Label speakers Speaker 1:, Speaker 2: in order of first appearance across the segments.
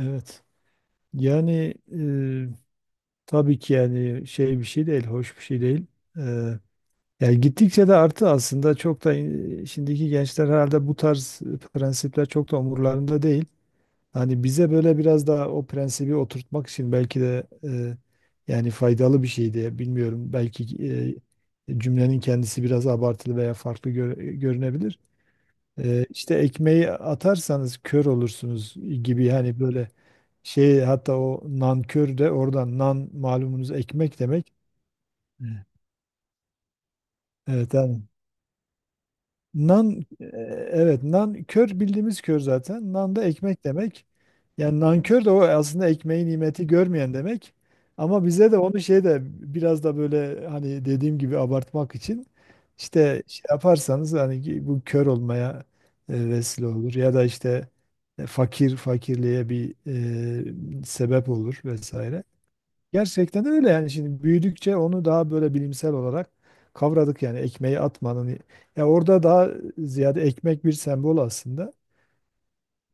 Speaker 1: Evet. Yani tabii ki yani şey bir şey değil, hoş bir şey değil. E, yani gittikçe de arttı aslında çok da şimdiki gençler herhalde bu tarz prensipler çok da umurlarında değil. Hani bize böyle biraz daha o prensibi oturtmak için belki de yani faydalı bir şey diye bilmiyorum. Belki cümlenin kendisi biraz abartılı veya farklı görünebilir. E, işte ekmeği atarsanız kör olursunuz gibi hani böyle şey hatta o nankör de oradan nan malumunuz ekmek demek. Evet. Evet, yani nan e, evet, nan kör bildiğimiz kör zaten. Nan da ekmek demek. Yani nankör de o aslında ekmeğin nimeti görmeyen demek. Ama bize de onu şey de biraz da böyle hani dediğim gibi abartmak için işte şey yaparsanız hani ki bu kör olmaya vesile olur ya da işte fakirliğe bir sebep olur vesaire. Gerçekten öyle yani şimdi büyüdükçe onu daha böyle bilimsel olarak kavradık yani ekmeği atmanın. Ya orada daha ziyade ekmek bir sembol aslında.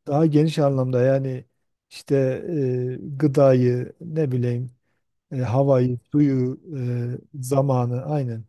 Speaker 1: Daha geniş anlamda yani işte gıdayı ne bileyim havayı, suyu, zamanı aynen.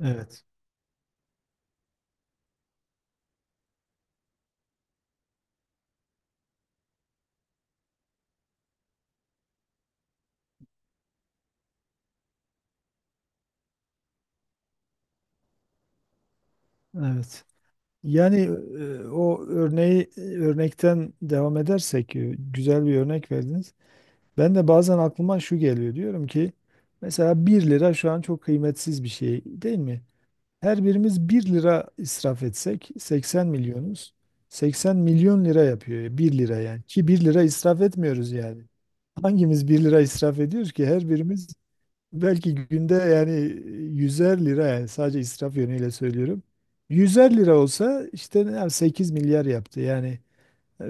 Speaker 1: Evet. Evet. Yani örnekten devam edersek güzel bir örnek verdiniz. Ben de bazen aklıma şu geliyor diyorum ki mesela bir lira şu an çok kıymetsiz bir şey değil mi? Her birimiz bir lira israf etsek 80 milyonuz. 80 milyon lira yapıyor bir lira yani ki bir lira israf etmiyoruz yani. Hangimiz bir lira israf ediyoruz ki her birimiz belki günde yani 100'er lira yani sadece israf yönüyle söylüyorum. 100'er lira olsa işte 8 milyar yaptı yani. e,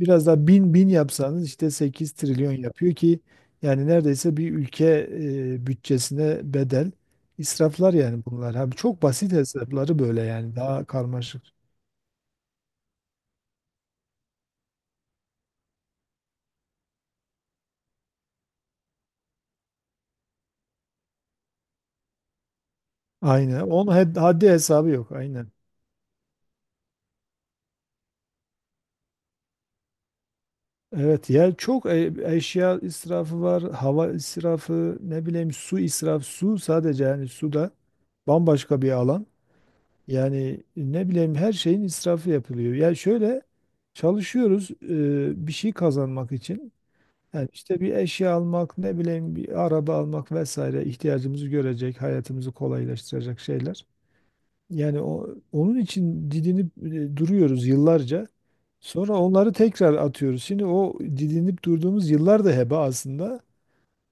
Speaker 1: Biraz daha bin bin yapsanız işte 8 trilyon yapıyor ki yani neredeyse bir ülke bütçesine bedel israflar yani bunlar. Abi çok basit hesapları böyle yani daha karmaşık. Aynen. Onun haddi hesabı yok. Aynen. Evet ya çok eşya israfı var, hava israfı, ne bileyim su israfı, su sadece yani su da bambaşka bir alan. Yani ne bileyim her şeyin israfı yapılıyor. Yani şöyle çalışıyoruz bir şey kazanmak için. Yani işte bir eşya almak, ne bileyim bir araba almak vesaire ihtiyacımızı görecek, hayatımızı kolaylaştıracak şeyler. Yani onun için didinip duruyoruz yıllarca. Sonra onları tekrar atıyoruz. Şimdi o didinip durduğumuz yıllar da heba aslında.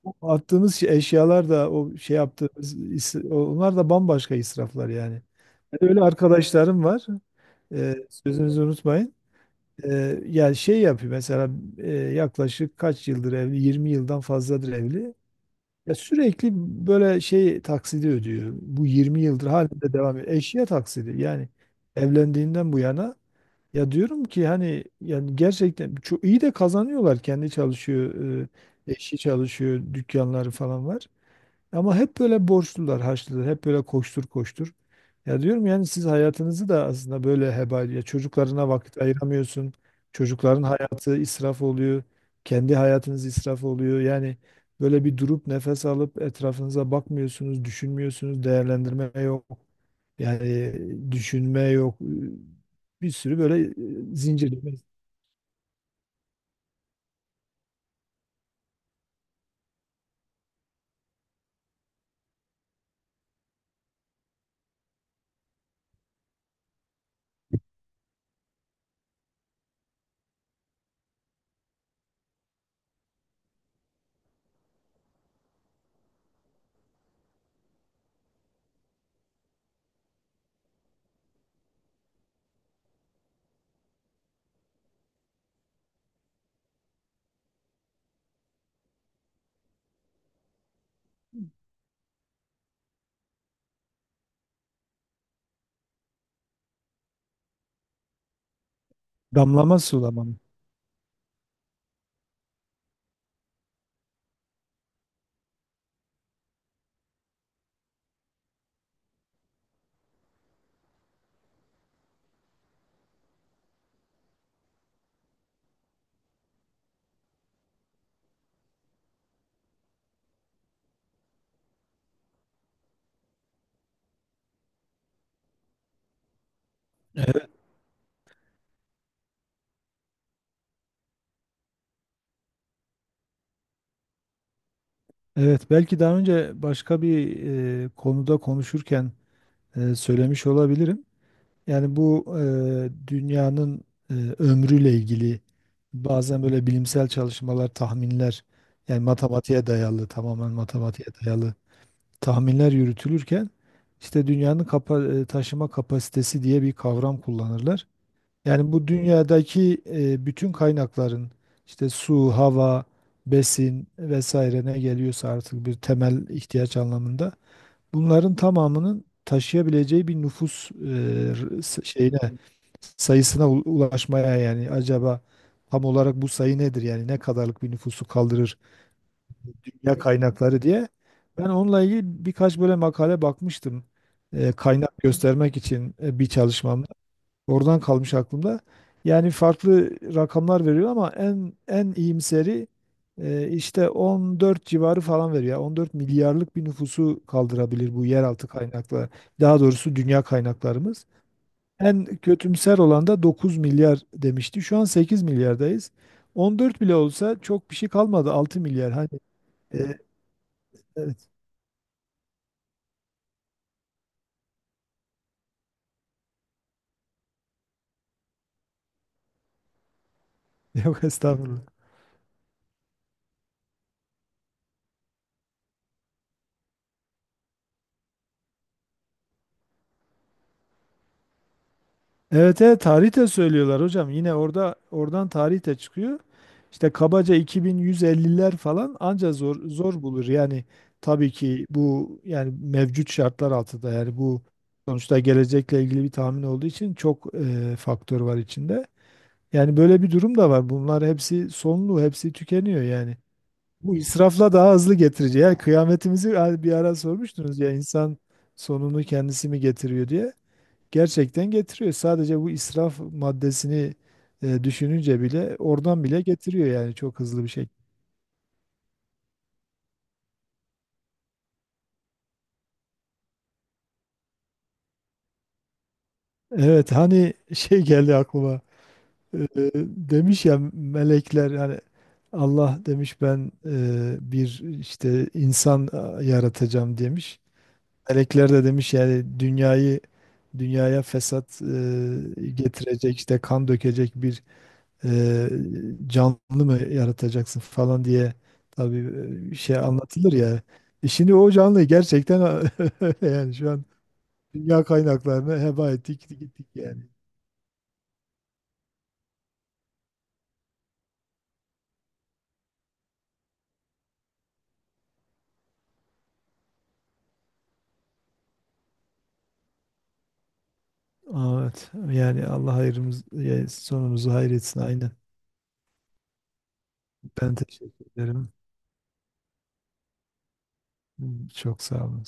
Speaker 1: O attığımız eşyalar da o şey yaptığımız onlar da bambaşka israflar yani. Öyle arkadaşlarım var. Sözünüzü unutmayın. Yani şey yapıyor mesela yaklaşık kaç yıldır evli? 20 yıldan fazladır evli. Ya sürekli böyle şey taksidi ödüyor. Bu 20 yıldır halinde devam ediyor. Eşya taksidi yani evlendiğinden bu yana. Ya diyorum ki hani yani gerçekten çok iyi de kazanıyorlar. Kendi çalışıyor, e, eşi çalışıyor, dükkanları falan var. Ama hep böyle borçlular, harçlılar, hep böyle koştur koştur. Ya diyorum yani siz hayatınızı da aslında böyle heba, ya çocuklarına vakit ayıramıyorsun. Çocukların hayatı israf oluyor. Kendi hayatınız israf oluyor. Yani böyle bir durup nefes alıp etrafınıza bakmıyorsunuz, düşünmüyorsunuz, değerlendirme yok. Yani düşünme yok. Bir sürü böyle zincirleme. Damlama sulama. Evet, belki daha önce başka bir konuda konuşurken söylemiş olabilirim. Yani bu dünyanın ömrüyle ilgili bazen böyle bilimsel çalışmalar, tahminler, yani matematiğe dayalı, tamamen matematiğe dayalı tahminler yürütülürken işte dünyanın taşıma kapasitesi diye bir kavram kullanırlar. Yani bu dünyadaki bütün kaynakların işte su, hava, besin vesaire ne geliyorsa artık bir temel ihtiyaç anlamında bunların tamamının taşıyabileceği bir nüfus e, r- s- şeyine sayısına ulaşmaya yani acaba tam olarak bu sayı nedir yani ne kadarlık bir nüfusu kaldırır ya kaynakları diye. Ben onunla ilgili birkaç böyle makale bakmıştım. Kaynak göstermek için bir çalışmamda. Oradan kalmış aklımda. Yani farklı rakamlar veriyor ama en iyimseri işte 14 civarı falan veriyor. 14 milyarlık bir nüfusu kaldırabilir bu yeraltı kaynakları. Daha doğrusu dünya kaynaklarımız. En kötümser olan da 9 milyar demişti. Şu an 8 milyardayız. 14 bile olsa çok bir şey kalmadı. 6 milyar. Hani e, evet. Yok estağfurullah. Evet, evet, tarih de söylüyorlar hocam. Yine oradan tarih de çıkıyor. İşte kabaca 2150'ler falan anca zor zor bulur. Yani tabii ki bu yani mevcut şartlar altında yani bu sonuçta gelecekle ilgili bir tahmin olduğu için çok faktör var içinde. Yani böyle bir durum da var. Bunlar hepsi sonlu, hepsi tükeniyor yani. Bu israfla daha hızlı getirici. Yani kıyametimizi yani bir ara sormuştunuz ya insan sonunu kendisi mi getiriyor diye. Gerçekten getiriyor. Sadece bu israf maddesini düşününce bile oradan bile getiriyor yani çok hızlı bir şekilde. Evet, hani şey geldi aklıma. Demiş ya melekler, yani Allah demiş ben bir işte insan yaratacağım demiş. Melekler de demiş yani dünyaya fesat getirecek, işte kan dökecek bir e, canlı mı yaratacaksın falan diye tabii şey anlatılır ya. Şimdi o canlıyı gerçekten yani şu an dünya kaynaklarını heba ettik gittik yani. Aa, evet. Yani Allah hayrımız, ya sonumuzu hayretsin aynen. Ben teşekkür ederim. Çok sağ olun.